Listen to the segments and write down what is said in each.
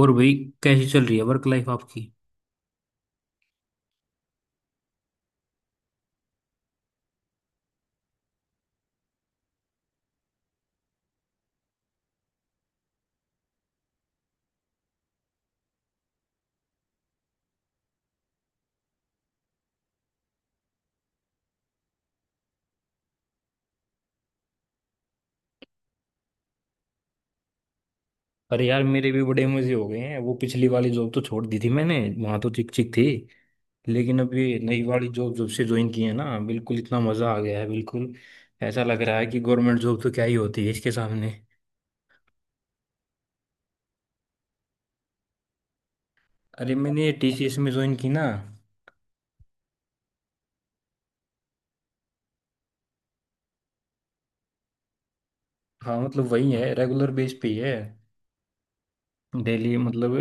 और भाई, कैसी चल रही है वर्क लाइफ आपकी? अरे यार, मेरे भी बड़े मजे हो गए हैं। वो पिछली वाली जॉब तो छोड़ दी थी मैंने, वहां तो चिक चिक थी। लेकिन अब ये नई वाली जॉब जब से ज्वाइन की है ना, बिल्कुल इतना मजा आ गया है। बिल्कुल ऐसा लग रहा है कि गवर्नमेंट जॉब तो क्या ही होती है इसके सामने। अरे, मैंने टीसीएस में ज्वाइन की ना। हाँ मतलब, वही है, रेगुलर बेस पे ही है। डेली मतलब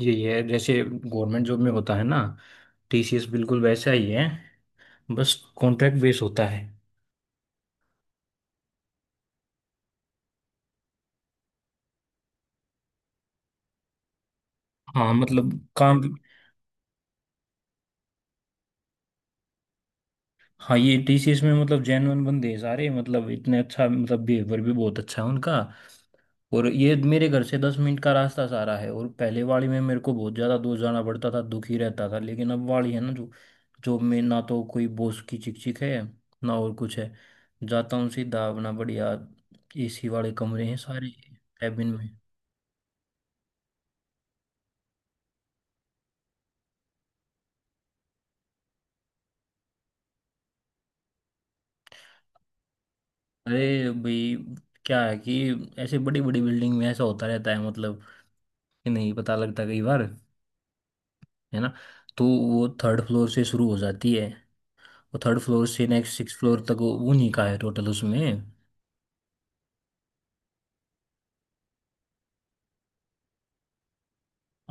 यही है, जैसे गवर्नमेंट जॉब में होता है ना। टीसीएस बिल्कुल वैसा ही है। बस कॉन्ट्रैक्ट बेस होता है। हाँ मतलब काम। हाँ, ये टीसीएस में मतलब जेन्युइन बंदे हैं सारे, मतलब इतने अच्छा, मतलब बिहेवियर भी बहुत अच्छा है उनका। और ये मेरे घर से 10 मिनट का रास्ता सारा है। और पहले वाली में मेरे को बहुत ज़्यादा दूर जाना पड़ता था, दुखी रहता था। लेकिन अब वाली है ना, जो जॉब, में ना तो कोई बॉस की चिक चिक है, ना और कुछ है। जाता हूँ सीधा अपना, बढ़िया एसी वाले कमरे हैं सारे, कैबिन में। अरे भाई, क्या है कि ऐसे बड़ी बड़ी बिल्डिंग में ऐसा होता रहता है मतलब, कि नहीं पता लगता कई बार, है ना। तो वो थर्ड फ्लोर से शुरू हो जाती है। वो थर्ड फ्लोर से नेक्स्ट 6 फ्लोर तक वो नहीं का है टोटल उसमें।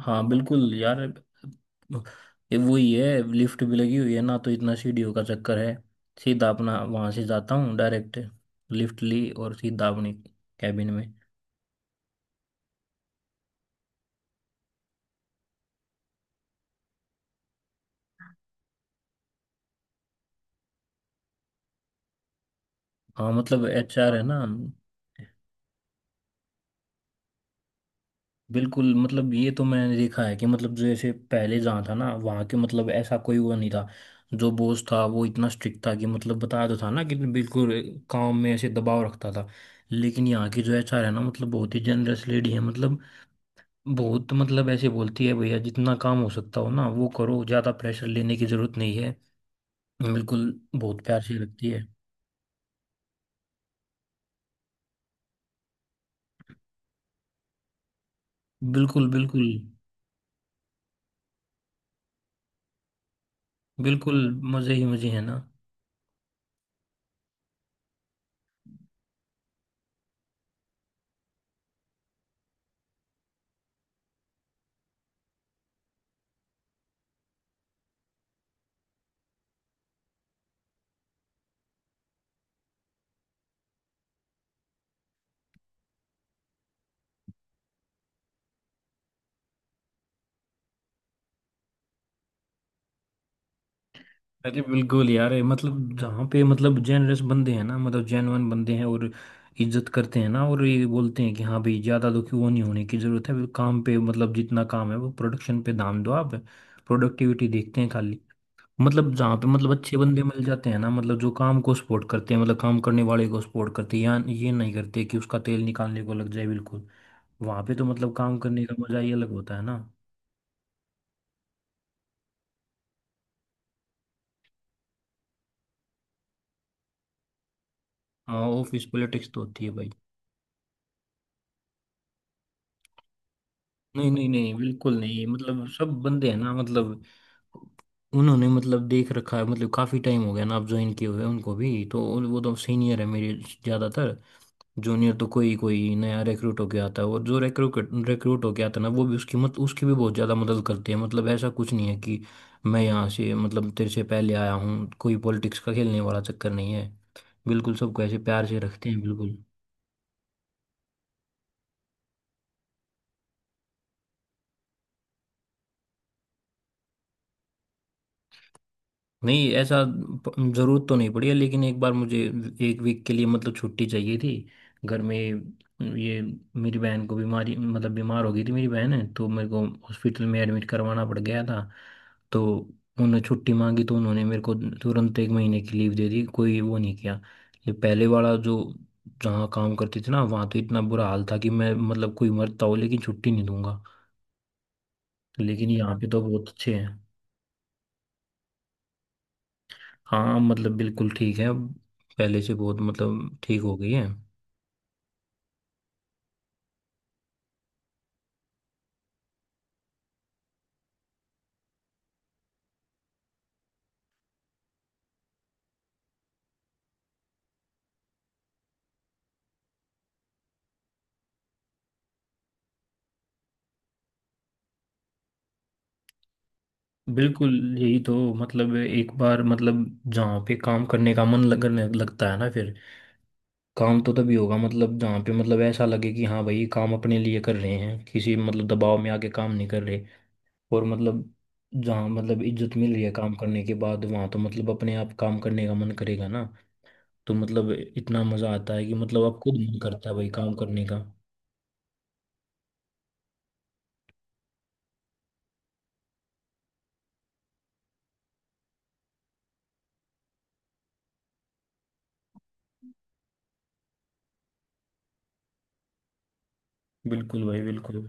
हाँ बिल्कुल यार, ये वही है। लिफ्ट भी लगी हुई है ना, तो इतना सीढ़ियों का चक्कर है। सीधा अपना वहां से जाता हूँ डायरेक्ट। लिफ्ट ली और सीधा अपने कैबिन में। हाँ मतलब, एचआर है ना। बिल्कुल मतलब, ये तो मैंने देखा है कि मतलब जैसे पहले जहाँ था ना वहाँ के, मतलब ऐसा कोई वो नहीं था। जो बॉस था वो इतना स्ट्रिक्ट था कि, मतलब बताया तो था ना कि बिल्कुल, काम में ऐसे दबाव रखता था। लेकिन यहाँ की जो एचआर है ना, मतलब बहुत ही जनरस लेडी है। मतलब बहुत, मतलब ऐसे बोलती है, भैया जितना काम हो सकता हो ना वो करो, ज़्यादा प्रेशर लेने की ज़रूरत नहीं है बिल्कुल। बहुत प्यार से रखती है। बिल्कुल, बिल्कुल, बिल्कुल मज़े ही मज़े है ना। अरे बिल्कुल यार, ये मतलब जहाँ पे, मतलब जेनरस बंदे हैं ना, मतलब जेनवन बंदे हैं। और इज्जत करते हैं ना। और ये बोलते हैं कि हाँ भाई, ज़्यादा दुखी वो नहीं होने की ज़रूरत है काम पे। मतलब जितना काम है वो, प्रोडक्शन पे ध्यान दो आप। प्रोडक्टिविटी देखते हैं खाली। मतलब जहाँ पे, मतलब अच्छे बंदे मिल जाते हैं ना, मतलब जो काम को सपोर्ट करते हैं, मतलब काम करने वाले को सपोर्ट करते हैं। या ये नहीं करते कि उसका तेल निकालने को लग जाए बिल्कुल। वहाँ पे तो मतलब काम करने का मजा ही अलग होता है ना। हाँ, ऑफिस पॉलिटिक्स तो होती है भाई। नहीं, नहीं, नहीं, बिल्कुल नहीं। मतलब सब बंदे हैं ना, मतलब उन्होंने मतलब देख रखा है। मतलब काफी टाइम हो गया ना, अब ज्वाइन किए हुए उनको भी। तो वो तो सीनियर है मेरे, ज्यादातर। जूनियर तो कोई कोई नया रिक्रूट होके आता है। और जो रिक्रूट रिक्रूट होके आता है ना, वो भी उसकी मत उसकी भी बहुत ज्यादा मदद करते हैं। मतलब ऐसा कुछ नहीं है कि मैं यहाँ से मतलब तेरे से पहले आया हूँ, कोई पॉलिटिक्स का खेलने वाला चक्कर नहीं है। बिल्कुल सबको ऐसे प्यार से रखते हैं बिल्कुल। नहीं, ऐसा जरूरत तो नहीं पड़ी है। लेकिन एक बार मुझे 1 वीक के लिए मतलब छुट्टी चाहिए थी, घर में ये, मेरी बहन को बीमारी, मतलब बीमार हो गई थी मेरी बहन है, तो मेरे को हॉस्पिटल में एडमिट करवाना पड़ गया था। तो उन्होंने छुट्टी मांगी तो उन्होंने मेरे को तुरंत 1 महीने की लीव दे दी, कोई वो नहीं किया। ये पहले वाला जो, जहाँ काम करती थी ना, वहाँ तो इतना बुरा हाल था कि मैं, मतलब कोई मरता हो लेकिन छुट्टी नहीं दूंगा। लेकिन यहाँ पे तो बहुत अच्छे हैं। हाँ मतलब बिल्कुल ठीक है अब, पहले से बहुत मतलब ठीक हो गई है। बिल्कुल यही तो। मतलब एक बार मतलब जहाँ पे काम करने का मन करने लगता है ना, फिर काम तो तभी होगा। मतलब जहाँ पे मतलब ऐसा लगे कि हाँ भाई काम अपने लिए कर रहे हैं, किसी मतलब दबाव में आके काम नहीं कर रहे। और मतलब जहाँ मतलब इज्जत मिल रही है काम करने के बाद, वहाँ तो मतलब अपने आप काम करने का मन करेगा ना। तो मतलब इतना मज़ा आता है कि मतलब आप खुद मन करता है भाई काम करने का। बिल्कुल भाई बिल्कुल।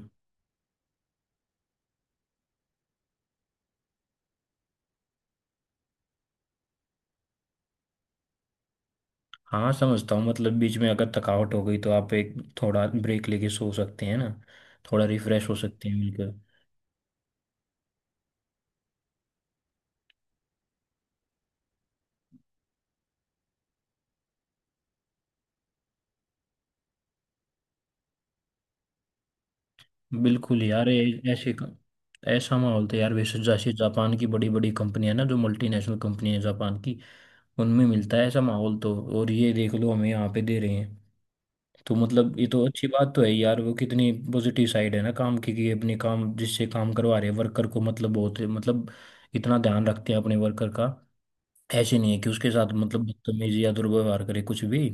हाँ समझता हूँ मतलब, बीच में अगर थकावट हो गई तो आप एक थोड़ा ब्रेक लेके सो सकते हैं ना, थोड़ा रिफ्रेश हो सकते हैं बिल्कुल। बिल्कुल यार, ऐसा माहौल तो यार वैसे जैसे जापान की बड़ी बड़ी कंपनियां ना, जो मल्टीनेशनल कंपनी है जापान की, उनमें मिलता है ऐसा माहौल। तो और ये देख लो हमें यहाँ पे दे रहे हैं। तो मतलब ये तो अच्छी बात तो है यार। वो कितनी पॉजिटिव साइड है ना काम की, कि अपने काम जिससे काम करवा रहे हैं वर्कर को, मतलब बहुत मतलब इतना ध्यान रखते हैं अपने वर्कर का। ऐसे नहीं है कि उसके साथ मतलब बदतमीजी या दुर्व्यवहार करे कुछ भी।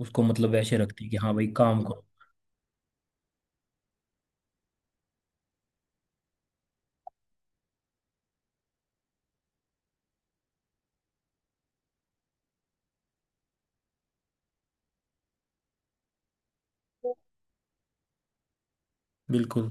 उसको मतलब ऐसे रखती है कि हाँ भाई काम करो बिल्कुल।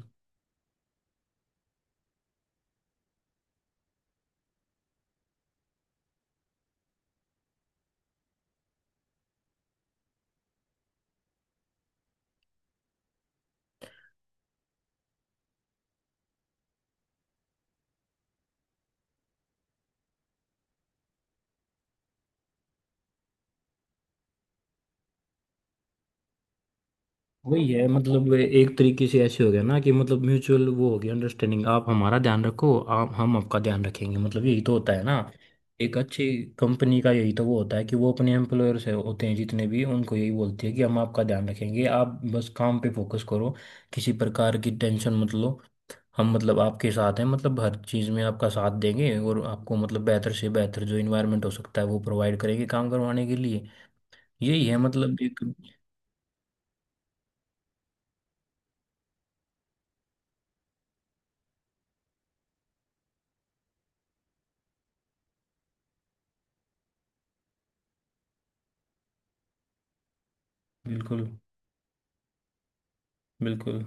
वही है मतलब वे एक तरीके से ऐसे हो गया ना, कि मतलब म्यूचुअल वो हो गया अंडरस्टैंडिंग। आप हमारा ध्यान रखो, आप हम आपका ध्यान रखेंगे। मतलब यही तो होता है ना एक अच्छी कंपनी का। यही तो वो होता है कि वो अपने एम्प्लॉयर से होते हैं जितने भी उनको, यही बोलती है कि हम आपका ध्यान रखेंगे, आप बस काम पे फोकस करो, किसी प्रकार की टेंशन मत लो। हम मतलब आपके साथ हैं, मतलब हर चीज़ में आपका साथ देंगे। और आपको मतलब बेहतर से बेहतर जो इन्वायरमेंट हो सकता है वो प्रोवाइड करेंगे काम करवाने के लिए। यही है मतलब एक। बिल्कुल बिल्कुल।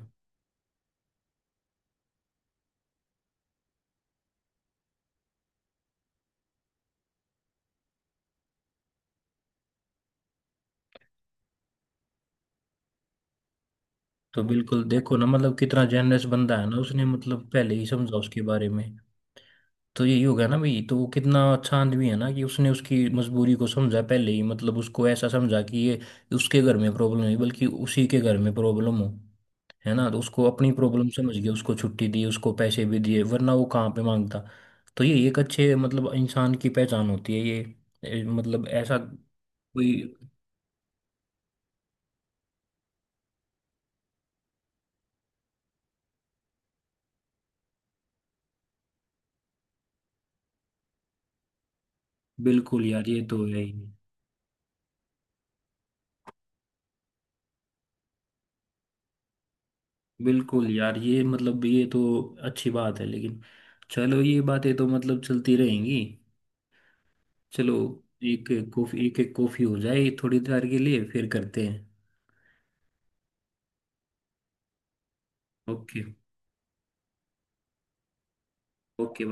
तो बिल्कुल देखो ना, मतलब कितना जेनरस बंदा है ना, उसने मतलब पहले ही समझा उसके बारे में। तो यही हो गया ना भाई, तो वो कितना अच्छा आदमी है ना, कि उसने उसकी मजबूरी को समझा पहले ही। मतलब उसको ऐसा समझा कि ये उसके घर में प्रॉब्लम नहीं, बल्कि उसी के घर में प्रॉब्लम हो, है ना। तो उसको अपनी प्रॉब्लम समझ गया, उसको छुट्टी दी, उसको पैसे भी दिए, वरना वो कहाँ पे मांगता। तो ये एक अच्छे मतलब इंसान की पहचान होती है ये। मतलब ऐसा कोई। बिल्कुल यार ये तो है ही। बिल्कुल यार ये मतलब ये तो अच्छी बात है, लेकिन चलो ये बातें तो मतलब चलती रहेंगी। चलो एक एक कॉफी, एक एक कॉफी हो जाए थोड़ी देर के लिए, फिर करते हैं। Okay okay.